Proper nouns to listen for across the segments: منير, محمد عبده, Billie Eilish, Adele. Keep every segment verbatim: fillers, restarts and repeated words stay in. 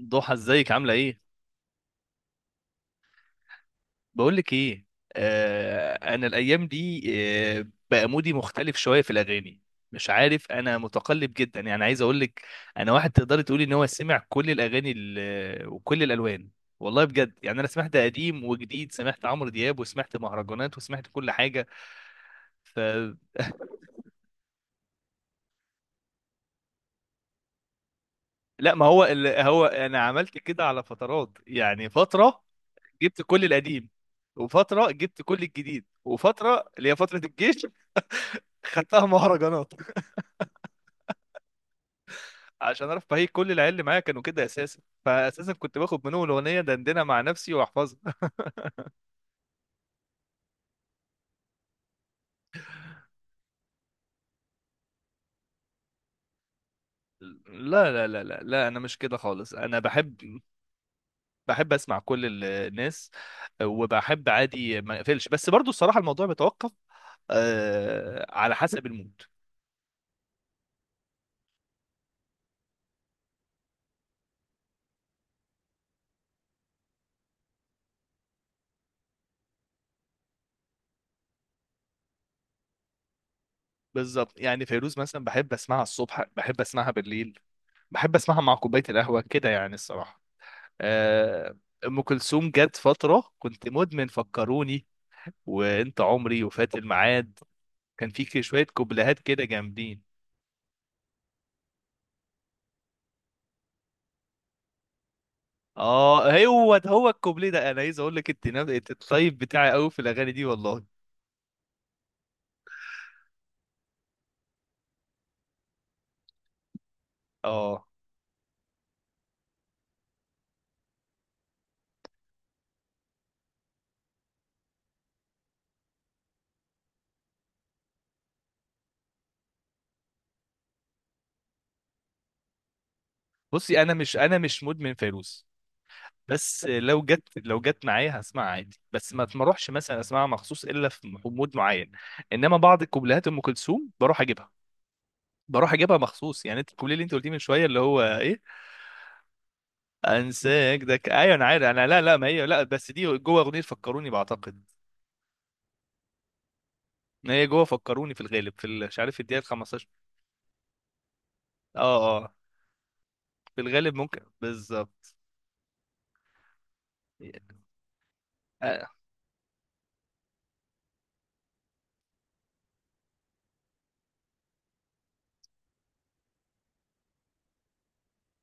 ضحى، ازيك؟ عاملة ايه؟ بقولك ايه؟ آه انا الايام دي، آه بقى مودي مختلف شوية في الاغاني. مش عارف، انا متقلب جدا، يعني عايز اقولك، انا واحد تقدري تقولي ان هو سمع كل الاغاني ال- وكل الالوان. والله بجد يعني انا سمعت قديم وجديد، سمعت عمرو دياب وسمعت مهرجانات وسمعت كل حاجة. ف لا، ما هو ال... هو انا عملت كده على فترات، يعني فترة جبت كل القديم، وفترة جبت كل الجديد، وفترة اللي هي فترة الجيش خدتها مهرجانات عشان اعرف. فهي كل العيال اللي معايا كانوا كده اساسا، فاساسا كنت باخد منهم الاغنيه دندنها مع نفسي واحفظها. لا لا لا لا لا، انا مش كده خالص، انا بحب بحب اسمع كل ال- الناس، وبحب عادي ما اقفلش، بس برضو الصراحه الموضوع بيتوقف آه على حسب المود. بالظبط، يعني فيروز مثلا بحب اسمعها الصبح، بحب اسمعها بالليل، بحب اسمعها مع كوبايه القهوه كده يعني الصراحه. آه ام كلثوم جت فتره كنت مدمن فكروني وانت عمري وفات الميعاد، كان في كي- شويه كوبلهات كده جامدين. اه، هو ده، هو الكوبليه ده انا عايز اقول لك، انت ناب- انت الطيب بتاعي قوي في الاغاني دي والله. اه بصي، انا مش انا مش مدمن فيروز، بس لو جت لو جت معايا هسمعها عادي، بس ما تروحش مثلا اسمعها مخصوص الا في م- مود معين. انما بعض الكوبلهات ام كلثوم بروح اجيبها بروح اجيبها مخصوص يعني، انت الكوبليه اللي انت قلتيه من شويه اللي هو ايه. انساك ده ك- ايوه انا عارف، انا لا لا، ما هي لا، بس دي جوه اغنيه فكروني بعتقد. ما هي جوه فكروني في الغالب في ال- مش عارف الدقيقه خمستاشر. اه اه، في الغالب ممكن بالظبط. اه.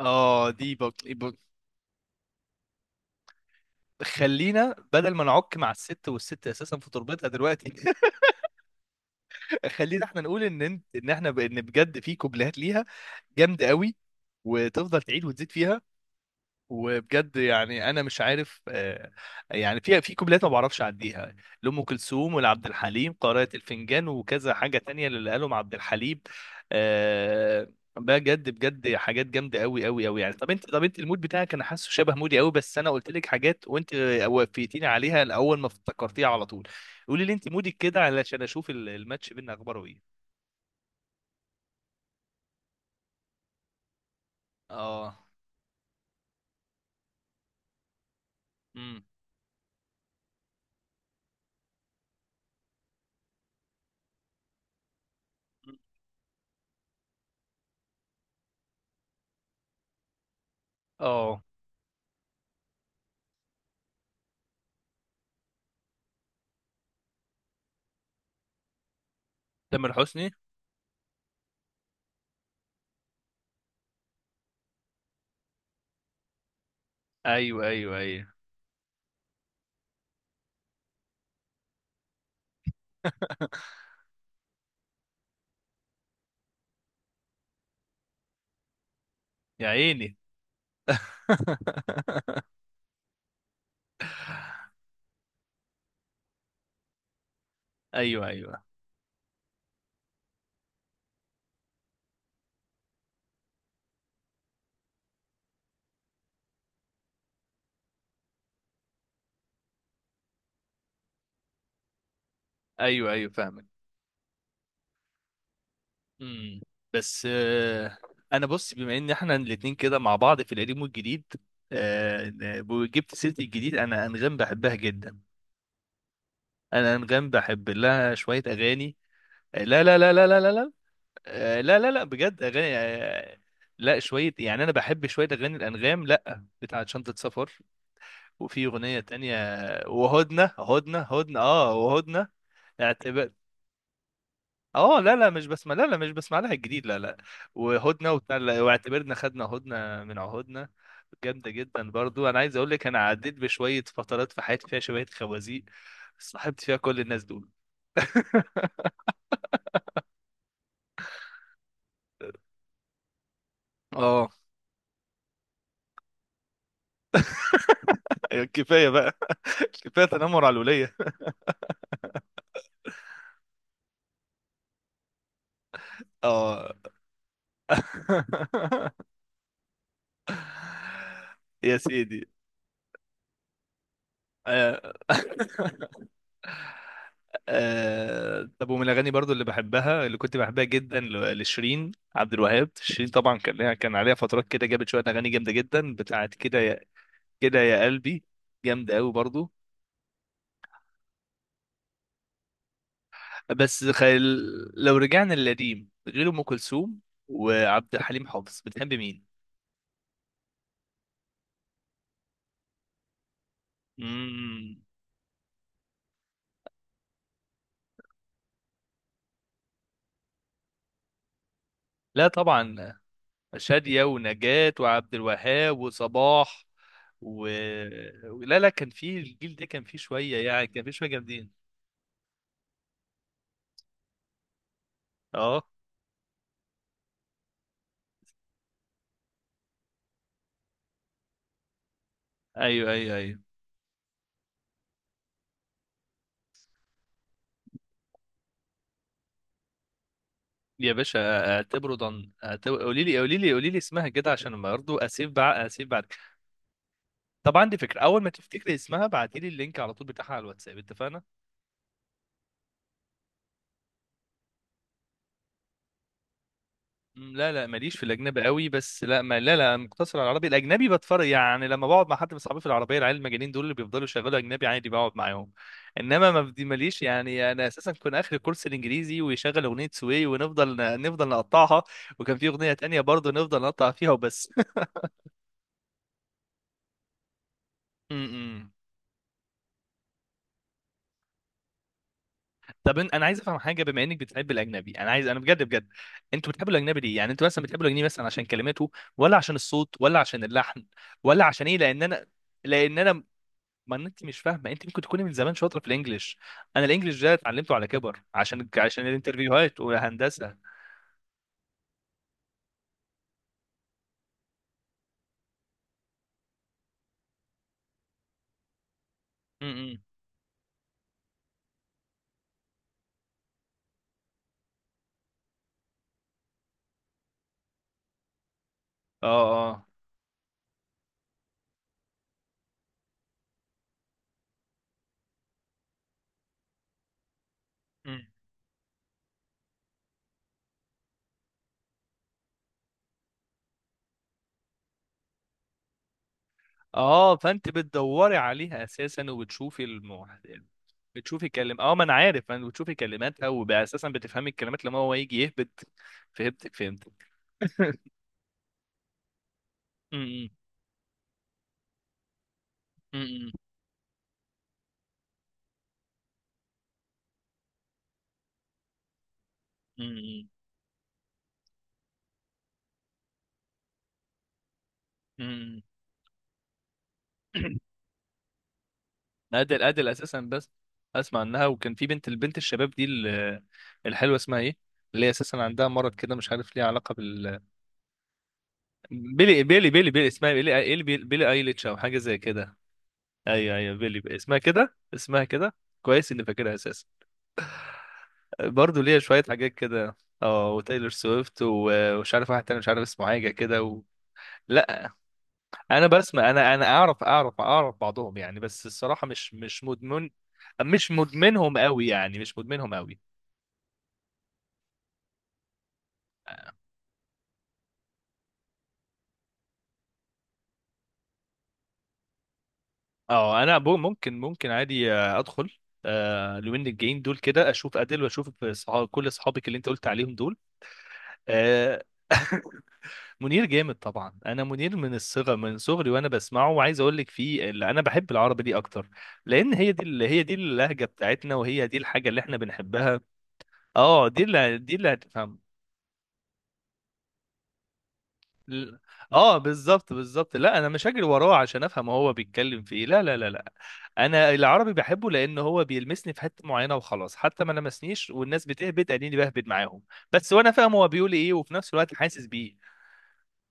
آه، دي بق... بق... خلينا بدل ما نعك مع الست، والست اساسا في تربتها دلوقتي خلينا احنا نقول ان انت ان احنا ب... ان بجد في كوبليهات ليها جامده قوي، وتفضل تعيد وتزيد فيها. وبجد يعني انا مش عارف، آه، يعني في في كوبلات ما بعرفش اعديها لام كلثوم ولعبد الحليم، قارئة الفنجان وكذا حاجه تانية اللي قالهم عبد الحليم. آه، بجد بجد حاجات جامده قوي قوي قوي يعني. طب انت طب انت المود بتاعك، انا حاسه شبه مودي قوي، بس انا قلت لك حاجات وانت وفيتيني عليها الاول، ما افتكرتيها على طول. قولي لي انت مودك كده علشان اشوف ال- الماتش بينا اخباره ايه. اه. امم. اه. تامر حسني. ايوه ايوه ايوه. يا عيني. ايوه ايوه ايوه ايوه، فاهمك. امم. بس آه، انا بص بما ان احنا الاتنين كده مع بعض في القديم والجديد. آه، وجبت سيره الجديد، انا انغام بحبها جدا. انا انغام بحب لها شويه اغاني. آه، لا لا لا لا لا لا لا. آه، لا لا لا بجد اغاني. آه، لا شويه يعني، انا بحب شويه اغاني الانغام، لا بتاعت شنطه سفر، وفي اغنيه تانية، وهدنه هدنه هدنه. اه وهدنه. اه لا لا مش بسمع، لا لا مش بسمع لها الجديد، لا لا. وهدنه وبتاع، لا، واعتبرنا خدنا هدنه من عهودنا، جامده جدا برضو. انا عايز اقول لك، انا عديت بشويه فترات في حياتي فيها شويه خوازيق، صاحبت فيها كل الناس دول. اه، كفايه بقى، كفايه تنمر على الوليه. اه. يا سيدي. آه. آه طب، ومن الاغاني برضو اللي بحبها، اللي كنت بحبها جدا، ل- لشيرين عبد الوهاب. شيرين طبعا كان لها، كان عليها فترات كده جابت شويه اغاني جامده جدا، بتاعت كده يا، كده يا قلبي، جامده قوي برضو. بس خل... لو رجعنا للقديم غير ام كلثوم وعبد الحليم حافظ، بتحب مين؟ مم. لا طبعا، شادية ونجاة وعبد الوهاب وصباح و... لا لا، كان في الجيل ده كان فيه شويه يعني، كان فيه شويه جامدين. اه. ايوه ايوه ايوه. يا باشا، اعتبره ضن، اعتبر... قولي لي قولي لي قولي لي اسمها كده عشان برضه اسيب بع... اسيب بعد. طب عندي فكره، اول ما تفتكري اسمها ابعتي لي اللينك على طول بتاعها على الواتساب، اتفقنا؟ مم، لا لا ماليش في الاجنبي قوي، بس لا ما لا لا مقتصر على العربي. الاجنبي بتفرج يعني، لما بقعد مع حد من صحابي في العربيه، العيال المجانين دول اللي بيفضلوا يشغلوا اجنبي عادي بقعد معاهم. انما ما بدي ماليش يعني، انا اساسا كنت اخر كورس الانجليزي ويشغل اغنيه سوي، ونفضل نفضل نقطعها، وكان في اغنيه تانية برضه نفضل نقطع فيها وبس. م- م. طب إن- انا عايز افهم حاجه، بما انك بتحب الاجنبي، انا عايز انا بجد بجد، انتوا بتحبوا الاجنبي ليه؟ يعني انتوا مثلا بتحبوا الاجنبي مثلا عشان كلماته، ولا عشان الصوت، ولا عشان اللحن، ولا عشان ايه؟ لان انا، لان انا ما انت مش فاهمه، انت ممكن تكوني من زمان شاطره في الانجليش، انا الانجليش ده اتعلمته على كبر عشان، عشان الانترفيوهات والهندسه. امم. اه اه. مم. اه، فانت بتدوري عليها اساسا، وبتشوفي المح... بتشوفي كلم اه ما انا عارف، انا بتشوفي كلماتها، واساسا بتفهمي الكلمات لما هو يجي يهبط. فهمتك فهمت. م- م- م- م- م-. م. ادل ادل اساسا، بس اسمع عنها. وكان في بنت البنت الشباب دي ال- الحلوه اسمها ايه، اللي هي اساسا عندها مرض كده مش عارف ليه علاقه بال بيلي بيلي بيلي بيلي، اسمها بيلي، إيه بيلي, بيلي ايليتش او حاجه زي كده. ايوه ايوه بيلي بيلي. اسمها كده، اسمها كده. كويس اني فاكرها اساسا. برضه ليها شويه حاجات كده. اه وتايلور سويفت و- ومش عارف واحد تاني مش عارف اسمه حاجه كده و... لا انا بسمع انا انا اعرف اعرف اعرف بعضهم يعني، بس الصراحه مش مش مدمن، مش مدمنهم قوي يعني، مش مدمنهم قوي. اه انا ب- ممكن ممكن عادي آه، ادخل. آه لوين الجايين دول كده، اشوف ادل واشوف صحاب كل اصحابك اللي انت قلت عليهم دول. آه منير جامد طبعا، انا منير من الصغر من صغري وانا بسمعه، وعايز اقول لك فيه، اللي انا بحب العربي دي اكتر، لان هي دي، اللي هي دي اللهجه بتاعتنا، وهي دي الحاجه اللي احنا بنحبها. اه، دي اللي دي اللي هتفهم. ل- اه بالظبط بالظبط، لا انا مش هجري وراه عشان افهم هو بيتكلم في ايه، لا لا لا لا. انا العربي بحبه لان هو بيلمسني في حته معينه وخلاص، حتى ما لمسنيش والناس بتهبد اني بهبد معاهم، بس وانا فاهم هو بيقول ايه وفي نفس الوقت حاسس بيه.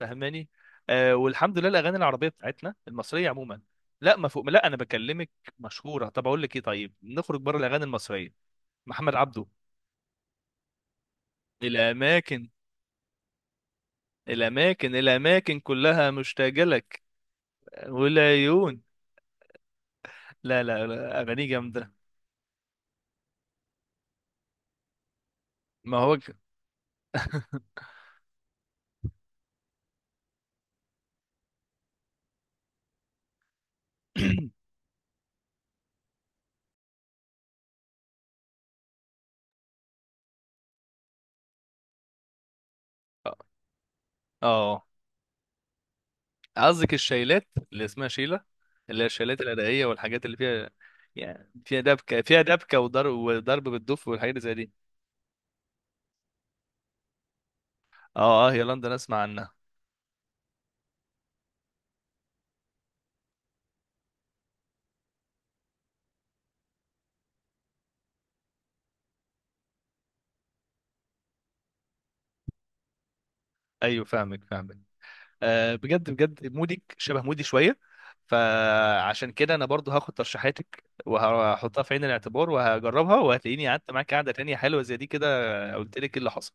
فاهماني؟ آه والحمد لله الاغاني العربيه بتاعتنا المصريه عموما، لا ما فوق لا انا بكلمك مشهوره. طب اقول لك ايه، طيب نخرج بره الاغاني المصريه، محمد عبده. الاماكن، الاماكن الاماكن كلها مشتاقه لك، والعيون. لا لا لا اغانيه جامده. ما هو ك- اه قصدك الشيلات اللي اسمها شيله، اللي هي الشيلات الادائيه والحاجات اللي فيها، يعني فيها دبكه، فيها دبكه وضرب، وضرب بالدف والحاجات اللي زي دي. اه اه، يا لندن اسمع عنها. ايوه فاهمك فاهمك. آه بجد بجد مودك شبه مودي شويه، فعشان كده انا برضو هاخد ترشيحاتك وهحطها في عين الاعتبار وهجربها، وهتلاقيني قعدت معاك قعده تانية حلوه زي دي كده. قلت لك إيه اللي حصل؟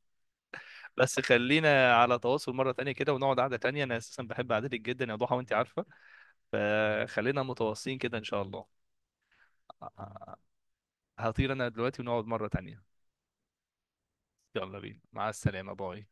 بس خلينا على تواصل مرة تانية كده، ونقعد قعدة تانية، أنا أساسا بحب قعدتك جدا يا ضحى وأنت عارفة. فخلينا متواصلين كده إن شاء الله. آه، هطير أنا دلوقتي ونقعد مرة تانية. يلا بينا، مع السلامة، باي.